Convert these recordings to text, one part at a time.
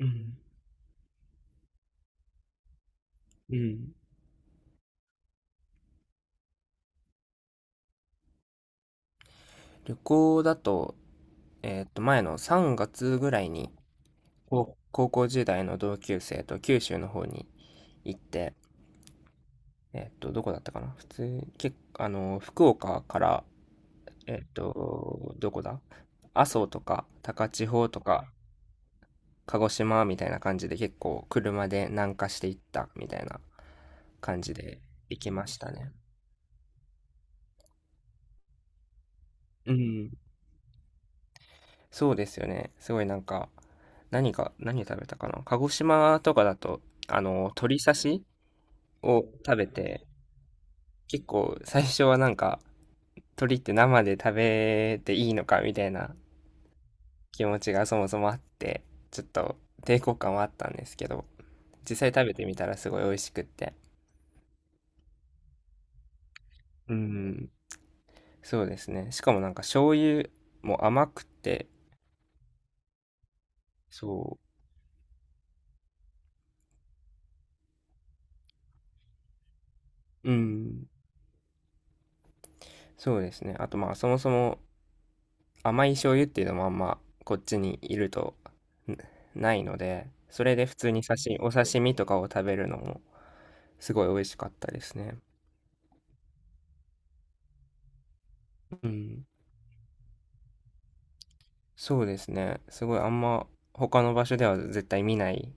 うん。うん。旅行だと、前の3月ぐらいに、高校時代の同級生と九州の方に行って、どこだったかな。普通、け、あの、福岡から、どこだ、阿蘇とか、高千穂とか、鹿児島みたいな感じで結構車で南下していったみたいな感じで行きましたね。うん。そうですよね。すごいなんか、何か、何食べたかな。鹿児島とかだと、鶏刺しを食べて、結構最初はなんか、鶏って生で食べていいのかみたいな気持ちがそもそもあって、ちょっと抵抗感はあったんですけど、実際食べてみたらすごい美味しくって。うん、そうですね。しかもなんか醤油も甘くて、そう、うん、そうですね。あとまあそもそも甘い醤油っていうのもあんまこっちにいるとんないので、それで普通に刺身、お刺身とかを食べるのもすごい美味しかったですね。うん。そうですね。すごいあんま他の場所では絶対見ない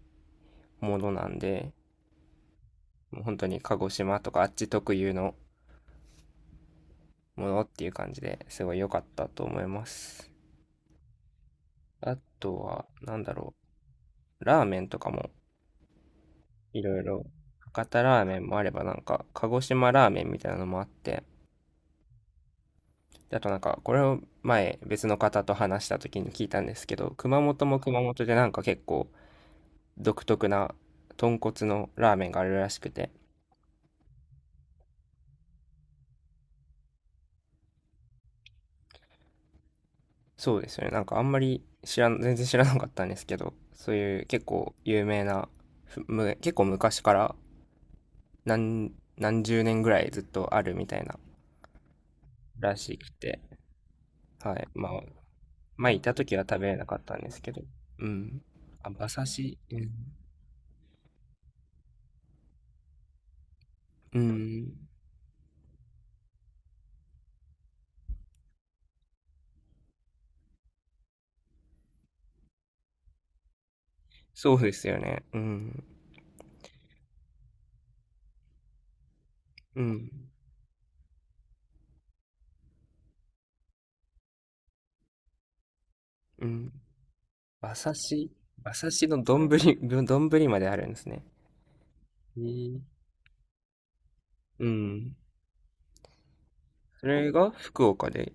ものなんで、もう本当に鹿児島とかあっち特有のものっていう感じですごい良かったと思います。あとは、なんだろう、ラーメンとかもいろいろ、博多ラーメンもあればなんか鹿児島ラーメンみたいなのもあって、あとなんか、これを前別の方と話した時に聞いたんですけど、熊本も熊本でなんか結構独特な豚骨のラーメンがあるらしくて、そうですよね。なんかあんまり知らん、全然知らなかったんですけど、そういう結構有名な、ふむ、結構昔から何、何十年ぐらいずっとあるみたいならしくて、はい。まあ、前いた時は食べれなかったんですけど、うん。あ、馬刺し、うん。うん。そうですよね。うん。うん。うん。馬刺し、馬刺しの丼、丼まであるんですね。えー、うん。それが福岡で、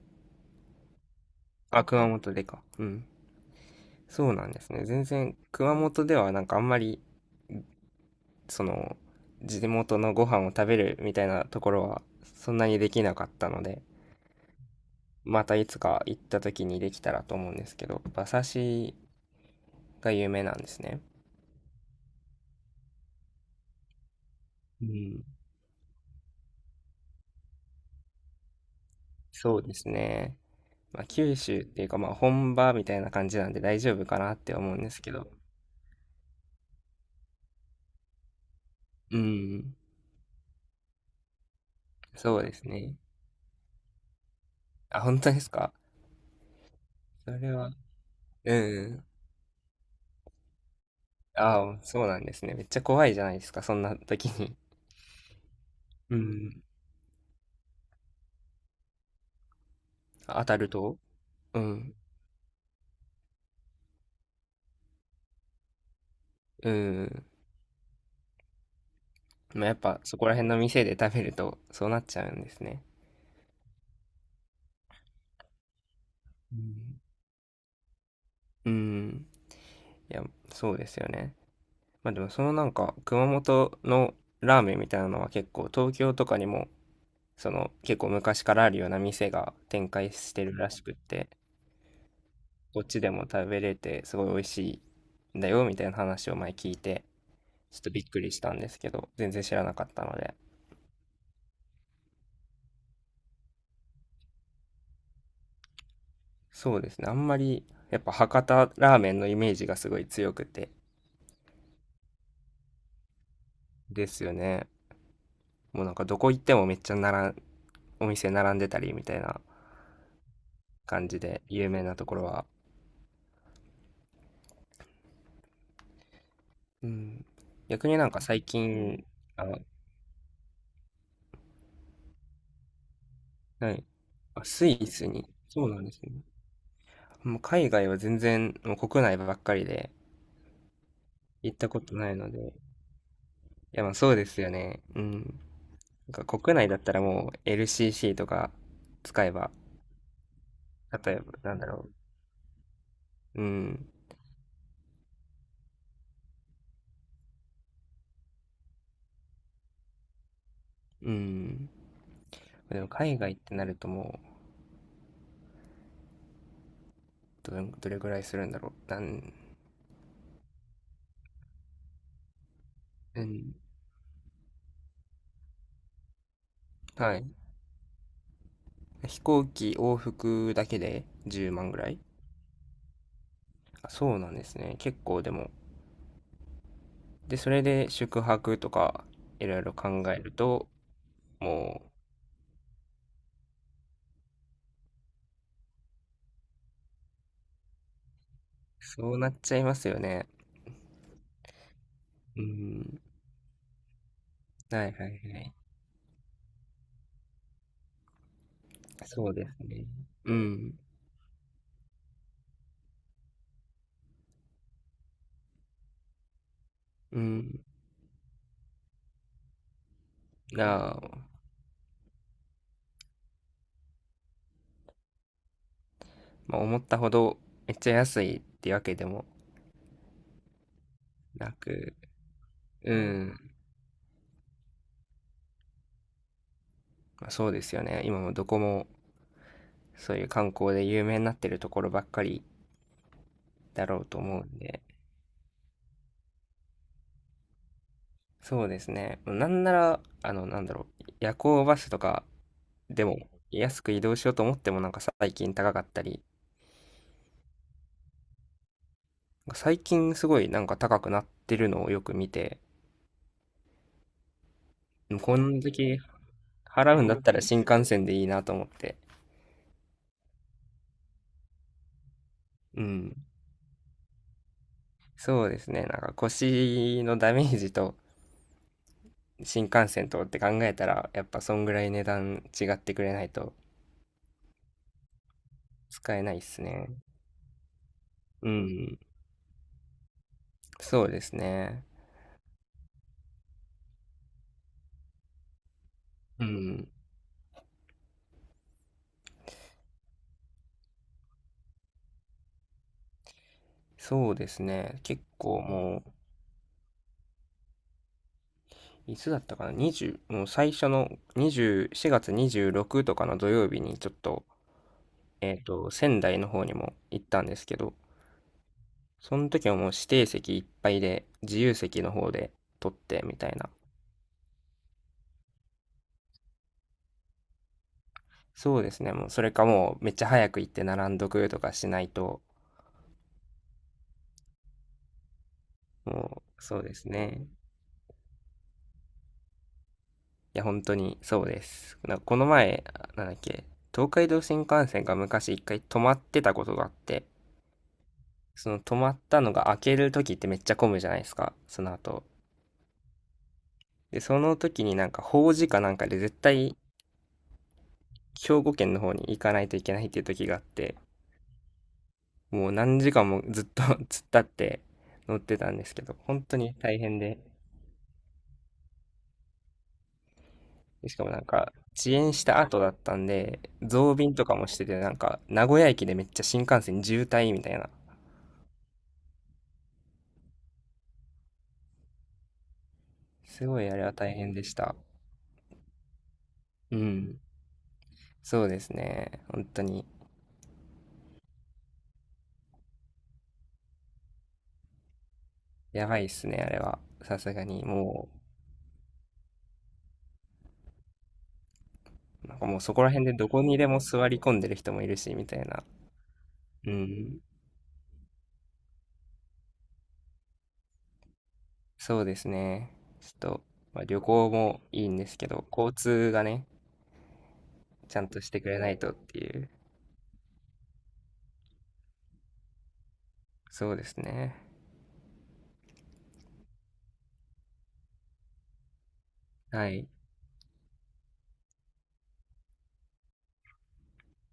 あ、熊本でか。うん。そうなんですね。全然、熊本ではなんかあんまり、その、地元のご飯を食べるみたいなところは、そんなにできなかったので、またいつか行った時にできたらと思うんですけど、馬刺しが有名なんですね。うん。そうですね。まあ、九州っていうかまあ本場みたいな感じなんで大丈夫かなって思うんですけど。うん。そうですね。あ、本当ですか、それは。うん。ああ、そうなんですね。めっちゃ怖いじゃないですか、そんな時に。うん。当たると、うん。うん。まあ、やっぱそこら辺の店で食べるとそうなっちゃうんですね。うん。うん、いや、そうですよね。まあでもそのなんか熊本のラーメンみたいなのは結構東京とかにもその結構昔からあるような店が展開してるらしくって、こっちでも食べれてすごい美味しいんだよみたいな話を前聞いて、ちょっとびっくりしたんですけど全然知らなかったので。そうですね、あんまりやっぱ博多ラーメンのイメージがすごい強くて。ですよね。もうなんかどこ行ってもめっちゃなら、お店並んでたりみたいな感じで有名なところは、うん、逆になんか最近、あ、はい、あ、スイスに、そうなんですね。もう海外は全然、もう国内ばっかりで、行ったことないので。いや、まあそうですよね。うん。なんか国内だったらもう LCC とか使えば、例えば、なんだろう。うん。うん。でも海外ってなるともう、どれぐらいするんだろう。なん、うん。はい。飛行機往復だけで10万ぐらい。あ、そうなんですね。結構でも。で、それで宿泊とか、いろいろ考えると、もう、そうなっちゃいますよね。うーん。はいはいはい。そうですね。うん。うん。が、まあ、思ったほどめっちゃ安いってわけでもなく、うん。まあ、そうですよね。今もどこもそういう観光で有名になってるところばっかりだろうと思うんで、そうですね。なんなら、なんだろう、夜行バスとかでも安く移動しようと思ってもなんか最近高かったり、最近すごいなんか高くなってるのをよく見て、この時払うんだったら新幹線でいいなと思って。うん。そうですね。なんか腰のダメージと新幹線とって考えたら、やっぱそんぐらい値段違ってくれないと使えないっすね。うん。そうですね。うん。そうですね。結構もう、いつだったかな？ 20、もう最初の20、4月26とかの土曜日にちょっと、仙台の方にも行ったんですけど、その時はもう指定席いっぱいで、自由席の方で取ってみたいな。そうですね。もうそれかもうめっちゃ早く行って並んどくとかしないと、もう、そうですね。いや、本当にそうです。なんかこの前、なんだっけ、東海道新幹線が昔一回止まってたことがあって、その止まったのが開ける時ってめっちゃ混むじゃないですか、その後。で、その時になんか法事かなんかで絶対兵庫県の方に行かないといけないっていう時があって、もう何時間もずっと 突っ立って乗ってたんですけど、本当に大変で、しかもなんか遅延した後だったんで、増便とかもしてて、なんか名古屋駅でめっちゃ新幹線渋滞みたいな、すごいあれは大変でした。うん。そうですね。本当に、やばいっすね、あれは。さすがにもう、なんかもうそこら辺でどこにでも座り込んでる人もいるし、みたいな。うん。そうですね。ちょっと、まあ、旅行もいいんですけど、交通がね、ちゃんとしてくれないとっていう。そうですね。はい。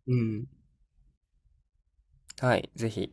うん。はい。ぜひ、